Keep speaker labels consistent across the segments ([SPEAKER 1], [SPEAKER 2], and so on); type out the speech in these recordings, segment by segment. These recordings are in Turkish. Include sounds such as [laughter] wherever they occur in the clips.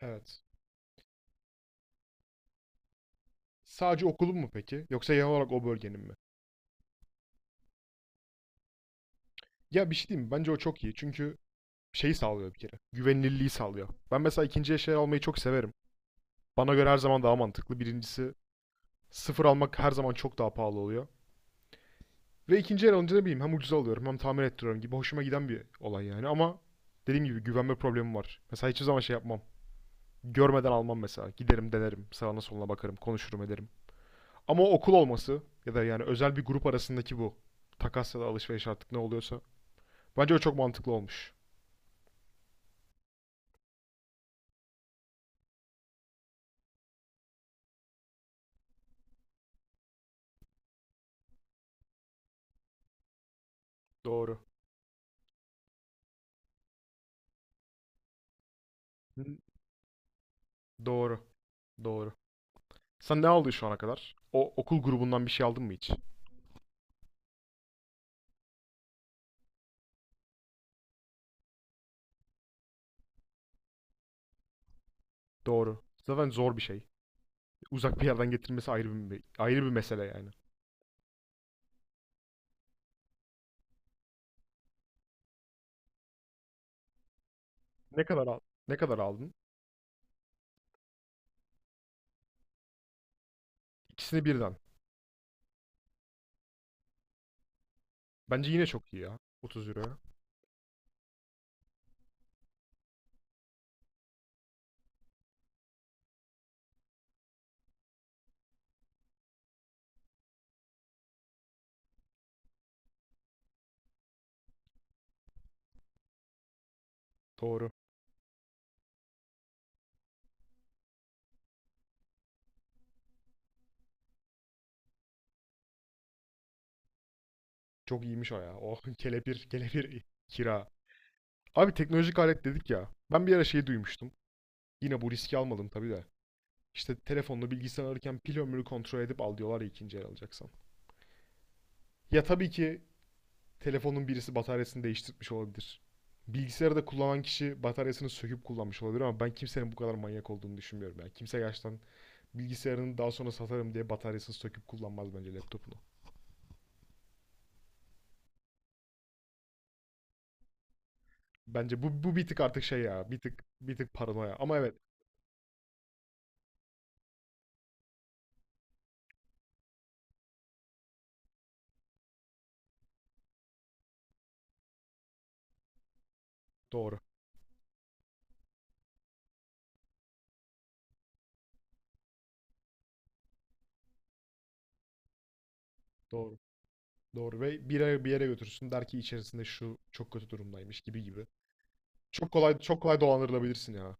[SPEAKER 1] Evet. Sadece okulun mu peki? Yoksa genel olarak o bölgenin mi? Ya bir şey diyeyim mi? Bence o çok iyi. Çünkü şeyi sağlıyor bir kere. Güvenilirliği sağlıyor. Ben mesela ikinci eşya almayı çok severim. Bana göre her zaman daha mantıklı. Birincisi sıfır almak her zaman çok daha pahalı oluyor. Ve ikinci el alınca ne bileyim hem ucuza alıyorum hem tamir ettiriyorum gibi hoşuma giden bir olay yani ama dediğim gibi güvenme problemi var. Mesela hiçbir zaman şey yapmam. Görmeden almam mesela. Giderim denerim. Sağına soluna bakarım. Konuşurum ederim. Ama okul olması ya da yani özel bir grup arasındaki bu takas ya da alışveriş artık ne oluyorsa. Bence o çok mantıklı olmuş. Doğru. Doğru. Doğru. Sen ne aldın şu ana kadar? O okul grubundan bir şey aldın mı hiç? Doğru. Zaten zor bir şey. Uzak bir yerden getirmesi ayrı bir mesele yani. Ne kadar aldın? Ne kadar aldın? İkisini birden. Bence yine çok iyi ya. 30 euro. Doğru. Çok iyiymiş o ya. Oh [laughs] kelepir kelepir kira. Abi teknolojik alet dedik ya. Ben bir ara şey duymuştum. Yine bu riski almadım tabii de. İşte telefonla bilgisayar alırken pil ömrünü kontrol edip al diyorlar ya ikinci el alacaksan. Ya tabii ki telefonun birisi bataryasını değiştirmiş olabilir. Bilgisayarı da kullanan kişi bataryasını söküp kullanmış olabilir ama ben kimsenin bu kadar manyak olduğunu düşünmüyorum. Yani kimse gerçekten bilgisayarını daha sonra satarım diye bataryasını söküp kullanmaz bence laptopunu. Bence bu bir tık artık şey ya. Bir tık paranoya. Ama evet doğru. Doğru. Doğru ve bir yere götürsün der ki içerisinde şu çok kötü durumdaymış gibi gibi. Çok kolay çok kolay dolandırılabilirsin ya.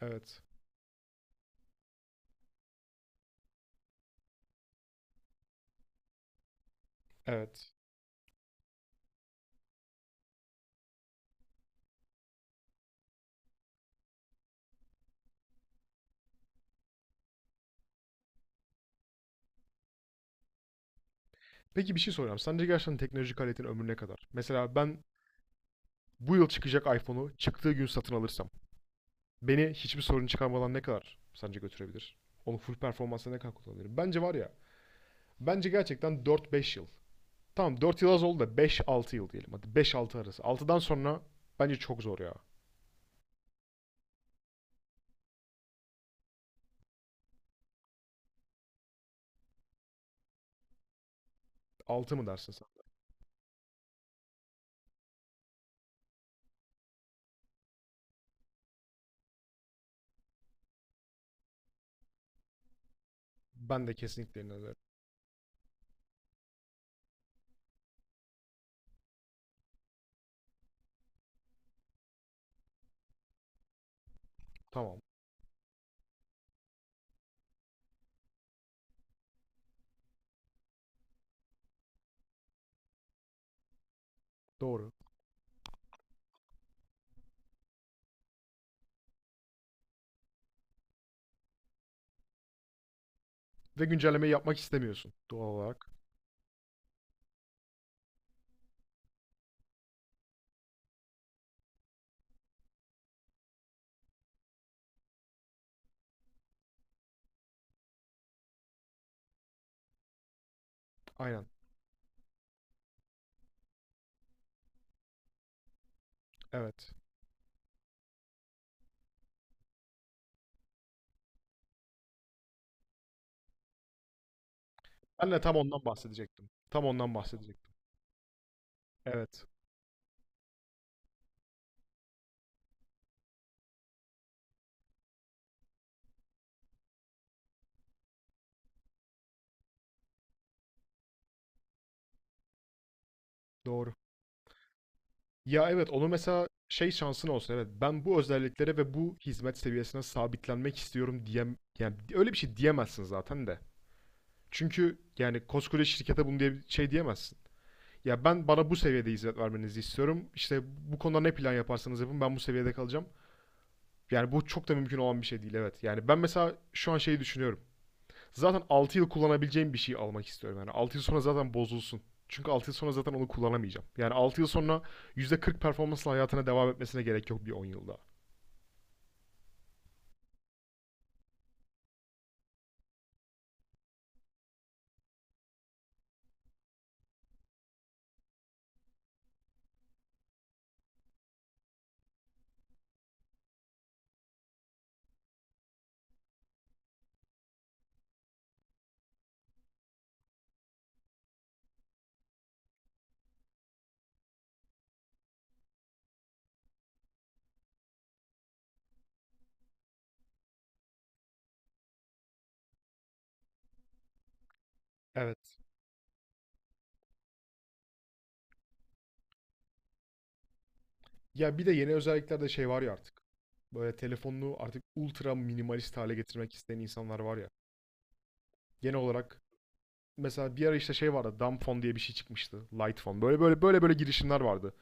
[SPEAKER 1] Evet. Evet. Peki bir şey soracağım. Sence gerçekten teknolojik aletin ömrü ne kadar? Mesela ben bu yıl çıkacak iPhone'u çıktığı gün satın alırsam beni hiçbir sorun çıkarmadan ne kadar sence götürebilir? Onu full performansa ne kadar kullanabilirim? Bence var ya. Bence gerçekten 4-5 yıl. Tamam 4 yıl az oldu da 5-6 yıl diyelim. Hadi 5-6 arası. Altıdan sonra bence çok zor ya. Altı mı dersin sen? Ben de kesinlikle inanıyorum. Tamam. Doğru. Ve güncellemeyi yapmak istemiyorsun doğal olarak. Aynen. Evet. Ben de tam ondan bahsedecektim. Tam ondan bahsedecektim. Evet. Doğru. Ya evet onu mesela şey şansın olsun evet ben bu özelliklere ve bu hizmet seviyesine sabitlenmek istiyorum diyem yani öyle bir şey diyemezsin zaten de. Çünkü yani koskoca şirkete bunu diye şey diyemezsin. Ya ben bana bu seviyede hizmet vermenizi istiyorum. İşte bu konuda ne plan yaparsanız yapın ben bu seviyede kalacağım. Yani bu çok da mümkün olan bir şey değil evet. Yani ben mesela şu an şeyi düşünüyorum. Zaten 6 yıl kullanabileceğim bir şey almak istiyorum. Yani 6 yıl sonra zaten bozulsun. Çünkü 6 yıl sonra zaten onu kullanamayacağım. Yani 6 yıl sonra %40 performansla hayatına devam etmesine gerek yok bir 10 yıl daha. Evet. Ya bir de yeni özelliklerde şey var ya artık. Böyle telefonunu artık ultra minimalist hale getirmek isteyen insanlar var ya. Genel olarak mesela bir ara işte şey vardı. Dumb phone diye bir şey çıkmıştı. Light phone. Böyle böyle böyle böyle girişimler vardı.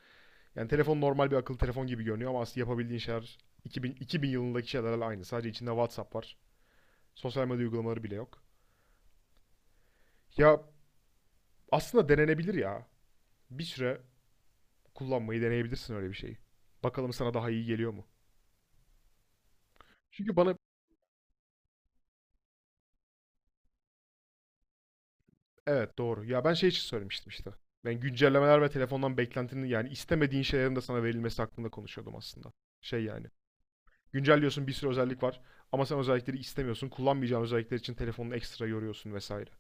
[SPEAKER 1] Yani telefon normal bir akıllı telefon gibi görünüyor ama aslında yapabildiğin şeyler 2000, 2000 yılındaki şeylerle aynı. Sadece içinde WhatsApp var. Sosyal medya uygulamaları bile yok. Ya aslında denenebilir ya. Bir süre kullanmayı deneyebilirsin öyle bir şeyi. Bakalım sana daha iyi geliyor mu? Çünkü bana evet doğru. Ya ben şey için söylemiştim işte. Ben güncellemeler ve telefondan beklentinin yani istemediğin şeylerin de sana verilmesi hakkında konuşuyordum aslında. Şey yani. Güncelliyorsun bir sürü özellik var. Ama sen özellikleri istemiyorsun. Kullanmayacağın özellikler için telefonunu ekstra yoruyorsun vesaire.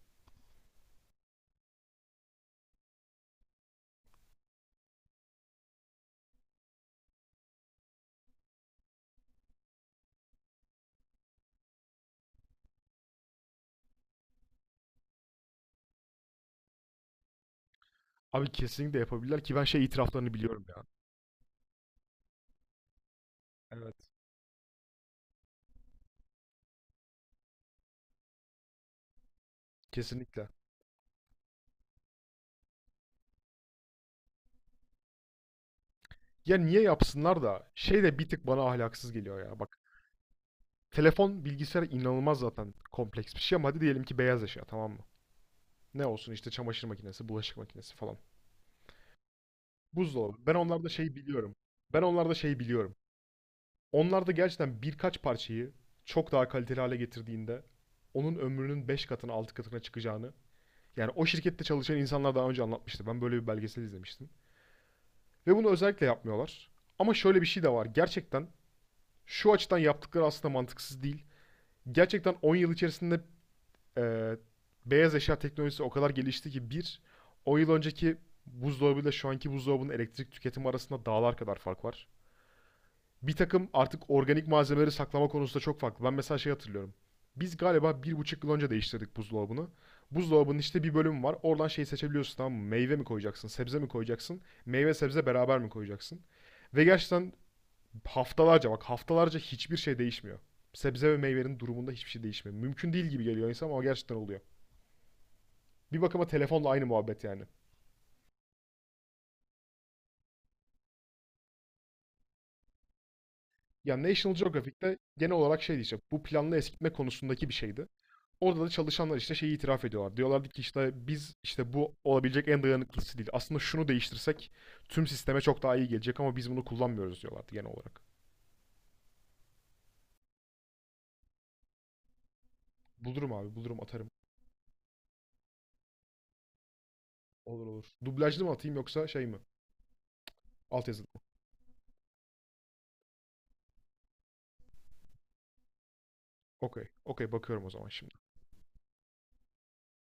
[SPEAKER 1] Abi kesinlikle yapabilirler ki ben şey itiraflarını biliyorum ya. Evet. Kesinlikle. Ya niye yapsınlar da şey de bir tık bana ahlaksız geliyor ya. Bak telefon bilgisayar inanılmaz zaten kompleks bir şey ama hadi diyelim ki beyaz eşya tamam mı? Ne olsun işte çamaşır makinesi, bulaşık makinesi falan. Buzdolabı. Ben onlarda şey biliyorum. Ben onlarda şey biliyorum. Onlar da gerçekten birkaç parçayı çok daha kaliteli hale getirdiğinde onun ömrünün 5 katına 6 katına çıkacağını yani o şirkette çalışan insanlar daha önce anlatmıştı. Ben böyle bir belgesel izlemiştim. Ve bunu özellikle yapmıyorlar. Ama şöyle bir şey de var. Gerçekten şu açıdan yaptıkları aslında mantıksız değil. Gerçekten 10 yıl içerisinde e, beyaz eşya teknolojisi o kadar gelişti ki 10 yıl önceki buzdolabıyla şu anki buzdolabının elektrik tüketimi arasında dağlar kadar fark var. Bir takım artık organik malzemeleri saklama konusunda çok farklı. Ben mesela şey hatırlıyorum. Biz galiba 1,5 yıl önce değiştirdik buzdolabını. Buzdolabının işte bir bölümü var. Oradan şey seçebiliyorsun tamam mı? Meyve mi koyacaksın, sebze mi koyacaksın? Meyve sebze beraber mi koyacaksın? Ve gerçekten haftalarca bak haftalarca hiçbir şey değişmiyor. Sebze ve meyvenin durumunda hiçbir şey değişmiyor. Mümkün değil gibi geliyor insan ama gerçekten oluyor. Bir bakıma telefonla aynı muhabbet yani. Ya National Geographic'te genel olarak şey diyeceğim. Bu planlı eskitme konusundaki bir şeydi. Orada da çalışanlar işte şeyi itiraf ediyorlar. Diyorlardı ki işte biz işte bu olabilecek en dayanıklısı değil. Aslında şunu değiştirsek tüm sisteme çok daha iyi gelecek ama biz bunu kullanmıyoruz diyorlardı genel olarak. Bulurum abi bulurum atarım. Olur olur. Dublajlı mı atayım yoksa şey mi? Altyazılı. Okey. Okey bakıyorum o zaman şimdi.